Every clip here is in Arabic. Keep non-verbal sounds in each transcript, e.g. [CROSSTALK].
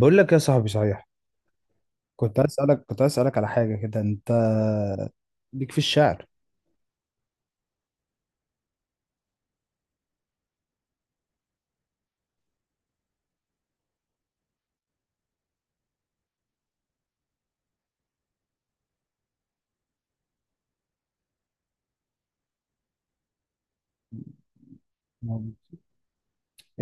بقول لك يا صاحبي، صحيح؟ كنت عايز اسالك على حاجه كده، انت ليك في الشعر؟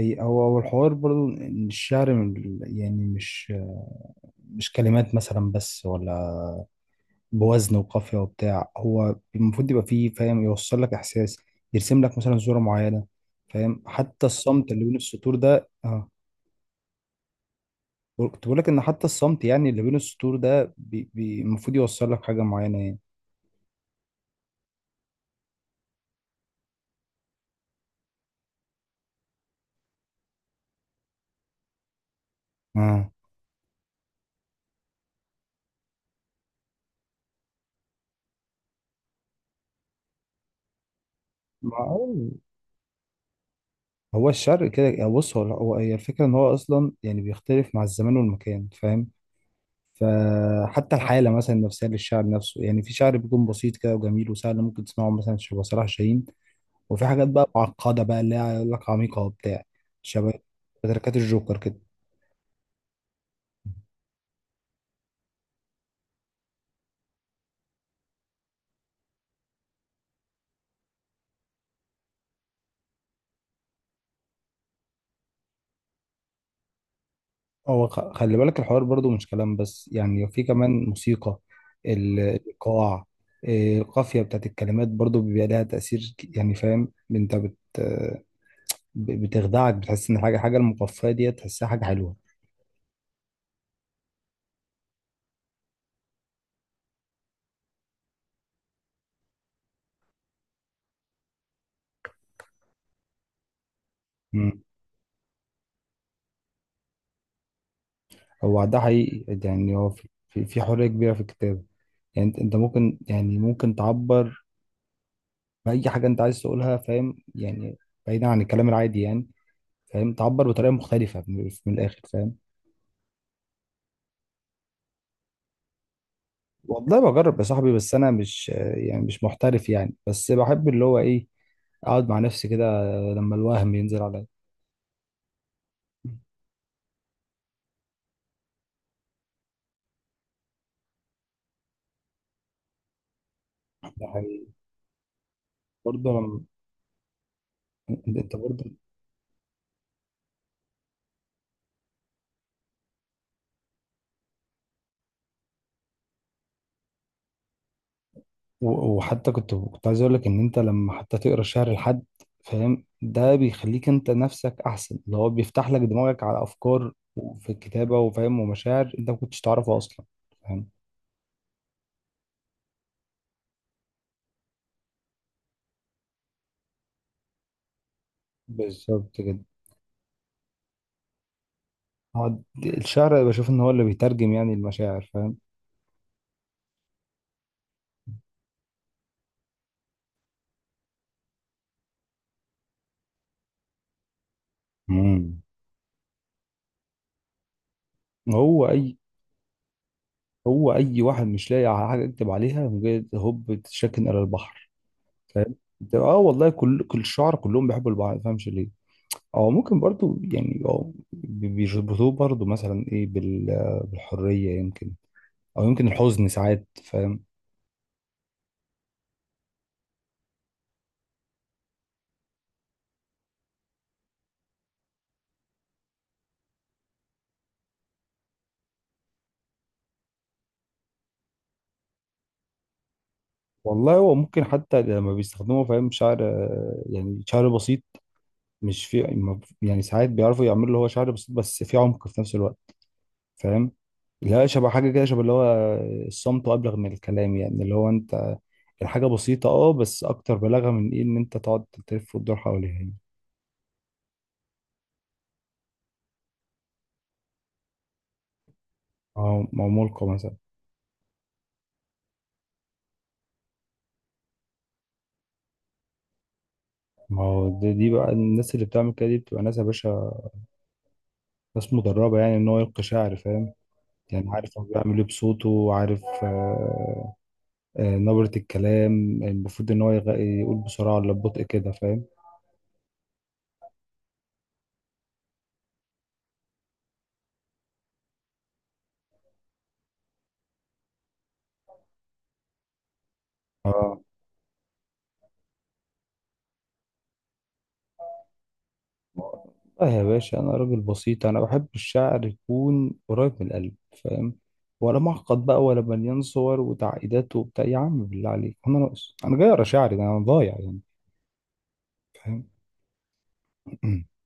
هو الحوار برضو ان الشعر يعني مش كلمات مثلا بس، ولا بوزن وقافيه وبتاع. هو المفروض يبقى فيه، فاهم، يوصل لك احساس، يرسم لك مثلا صوره معينه، فاهم؟ حتى الصمت اللي بين السطور ده. اه كنت بقول لك ان حتى الصمت، يعني اللي بين السطور ده، المفروض يوصل لك حاجه معينه يعني. اه، معقول. هو الشرق كده يعني. بص، هي الفكرة ان هو اصلا يعني بيختلف مع الزمان والمكان، فاهم؟ فحتى الحالة مثلا النفسية للشعر نفسه، يعني في شعر بيكون بسيط كده وجميل وسهل، ممكن تسمعه مثلا شبه صلاح جاهين. وفي حاجات بقى معقدة بقى، اللي هي يقول لك عميقة وبتاع، شبه تركات الجوكر كده. خلي بالك الحوار برضو مش كلام بس، يعني في كمان موسيقى، الإيقاع، إيه، القافية بتاعت الكلمات برضو بيبقى لها تأثير، يعني، فاهم؟ بتخدعك، بتحس ان حاجه المقفيه دي تحسها حاجه حلوه. امم هو ده حقيقي، يعني هو في حريه كبيره في الكتابه، يعني انت ممكن يعني ممكن تعبر باي حاجه انت عايز تقولها، فاهم يعني؟ بعيدا عن الكلام العادي يعني، فاهم، تعبر بطريقه مختلفه من الاخر، فاهم؟ والله بجرب يا صاحبي، بس انا مش يعني، مش محترف يعني، بس بحب اللي هو ايه، اقعد مع نفسي كده لما الوهم ينزل عليا. يعني، برضه لما- انت برضه. وحتى كنت عايز اقول لك ان انت لما حتى تقرا الشعر لحد، فاهم؟ ده بيخليك انت نفسك احسن، اللي هو بيفتح لك دماغك على افكار في الكتابه، وفاهم، ومشاعر انت ما كنتش تعرفها اصلا، فاهم. بالظبط كده. هو الشعر بشوف ان هو اللي بيترجم يعني المشاعر، فاهم. امم هو اي هو اي واحد مش لاقي على حاجه يكتب عليها، مجرد هوب تشكن الى البحر، فاهم. اه والله، كل الشعراء كلهم بيحبوا البحر، ما تفهمش ليه. او ممكن برضو يعني، بيربطوه برضو مثلا ايه بالحريه يمكن، او يمكن الحزن ساعات، فاهم. والله هو ممكن حتى لما بيستخدموا، فاهم، شعر، يعني شعر بسيط، مش في ما- يعني ساعات بيعرفوا يعملوا اللي هو شعر بسيط بس في عمق في نفس الوقت، فاهم. لا، شبه حاجه كده، شبه اللي هو الصمت ابلغ من الكلام، يعني اللي هو انت الحاجه بسيطه اه، بس اكتر بلاغه من ايه ان انت تقعد تلف وتدور حواليها يعني. او ملقى مثلا. ما هو دي بقى، الناس اللي بتعمل كده دي بتبقى ناس يا باشا، ناس مدربة، يعني ان هو يلقي شعر، فاهم؟ يعني عارف هو بيعمل ايه بصوته، عارف، آه. آه، نبرة الكلام، المفروض ان هو يقول بسرعة ولا ببطء كده، فاهم. اه، اه، يا باشا، انا راجل بسيط، انا بحب الشعر يكون قريب من القلب، فاهم، ولا معقد بقى ولا مليان صور وتعقيدات وبتاع. يا عم بالله عليك، انا ناقص؟ انا جاي اقرا شعري ده، انا ضايع يعني، فاهم. [CLEARS THROAT]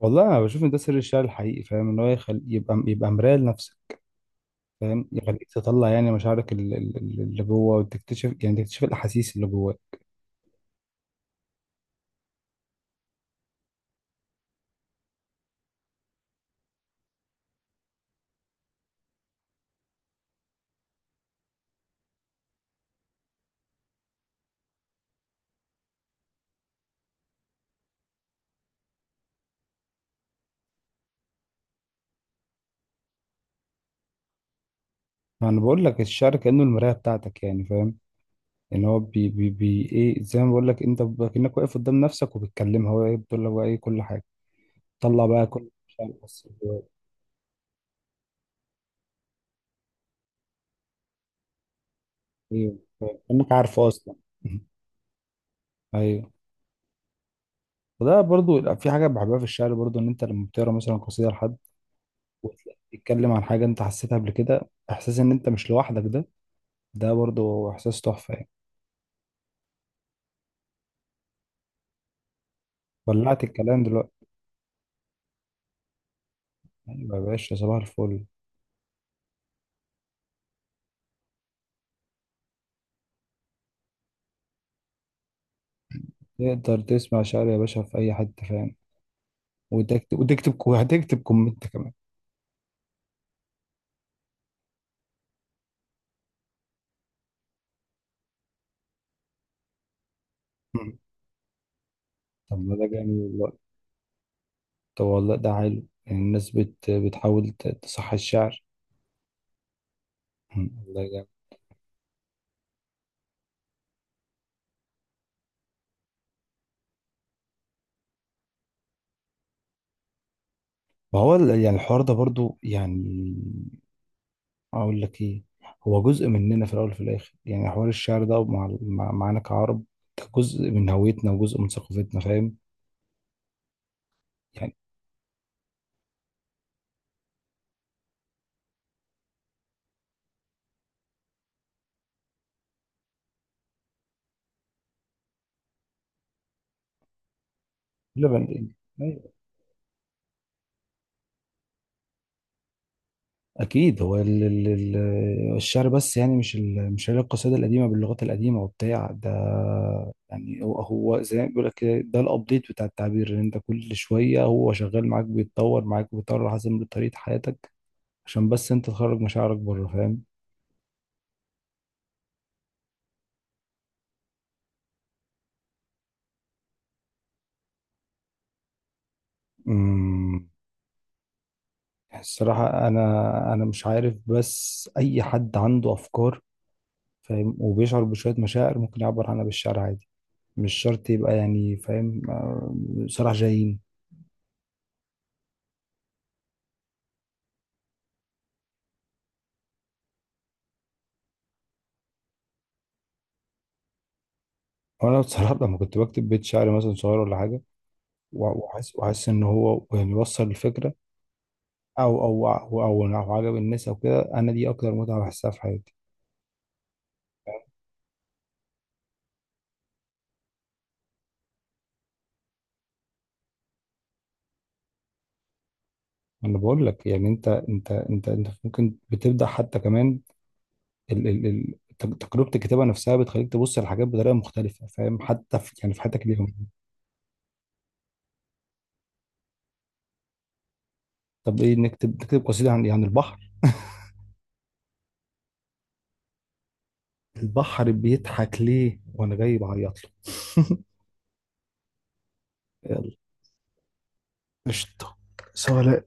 والله انا بشوف ان ده سر الشعر الحقيقي، فاهم. ان هو يبقى مرايه لنفسك، فاهم، يخليك تطلع يعني مشاعرك اللي جوه، وتكتشف يعني تكتشف الاحاسيس اللي جواك. انا بقول لك الشعر كانه المرايه بتاعتك، يعني فاهم ان هو بي ايه، زي ما بقول لك انت، كانك واقف قدام نفسك وبتكلمها، هو إيه؟ بتقول لك بقى ايه كل حاجه، طلع بقى كل مشاعر بس جواك. ايوه، فاهم؟ كانك عارفه اصلا. [LAUGHS] ايوه. وده برضو في حاجه بحبها في الشعر برضو، ان انت لما بتقرا مثلا قصيده لحد تتكلم عن حاجة انت حسيتها قبل كده، احساس ان انت مش لوحدك، ده ده برضو احساس تحفة يعني. ولعت الكلام دلوقتي. ايوه يا باشا، صباح الفل. تقدر تسمع شعر يا باشا في اي حتة، فاهم، وتكتب وتكتب وهتكتب كومنت كمان. مم. طب ما ده جميل والله، طب والله ده حلو، يعني الناس بتحاول تصحي الشعر. مم. ده جميل. ما هو يعني الحوار ده برضو يعني، اقول لك ايه، هو جزء مننا في الاول وفي الاخر، يعني حوار الشعر ده معانا كعرب، ده جزء من هويتنا وجزء من ثقافتنا، فاهم يعني. لا بل... اكيد هو الشعر، بس يعني مش هي القصيده القديمه باللغات القديمه وبتاع ده، يعني. هو زي ما بيقول لك كده، ده الابديت بتاع التعبير، ان انت كل شويه هو شغال معاك، بيتطور معاك، بيتطور على حسب طريقه حياتك، عشان بس انت تخرج مشاعرك بره، فاهم. الصراحة، أنا مش عارف، بس أي حد عنده أفكار، فاهم، وبيشعر بشوية مشاعر، ممكن يعبر عنها بالشعر عادي، مش شرط يبقى يعني، فاهم، صراحة جايين. وأنا بصراحة [LAUGHS] لما كنت بكتب بيت شعر مثلا صغير ولا حاجة، وحاسس إن هو يعني يوصل الفكرة، أو عجب الناس أو كده، أنا دي أكتر متعة بحسها في حياتي. أنا بقول لك يعني، أنت ممكن بتبدأ حتى كمان ال ال ال تجربة الكتابة نفسها بتخليك تبص على الحاجات بطريقة مختلفة، فاهم، حتى في يعني في حياتك اليومية. طب ايه، نكتب قصيدة عن البحر. البحر بيضحك ليه وانا جاي بعيط له. [LAUGHS] يلا. قشطة. سؤال.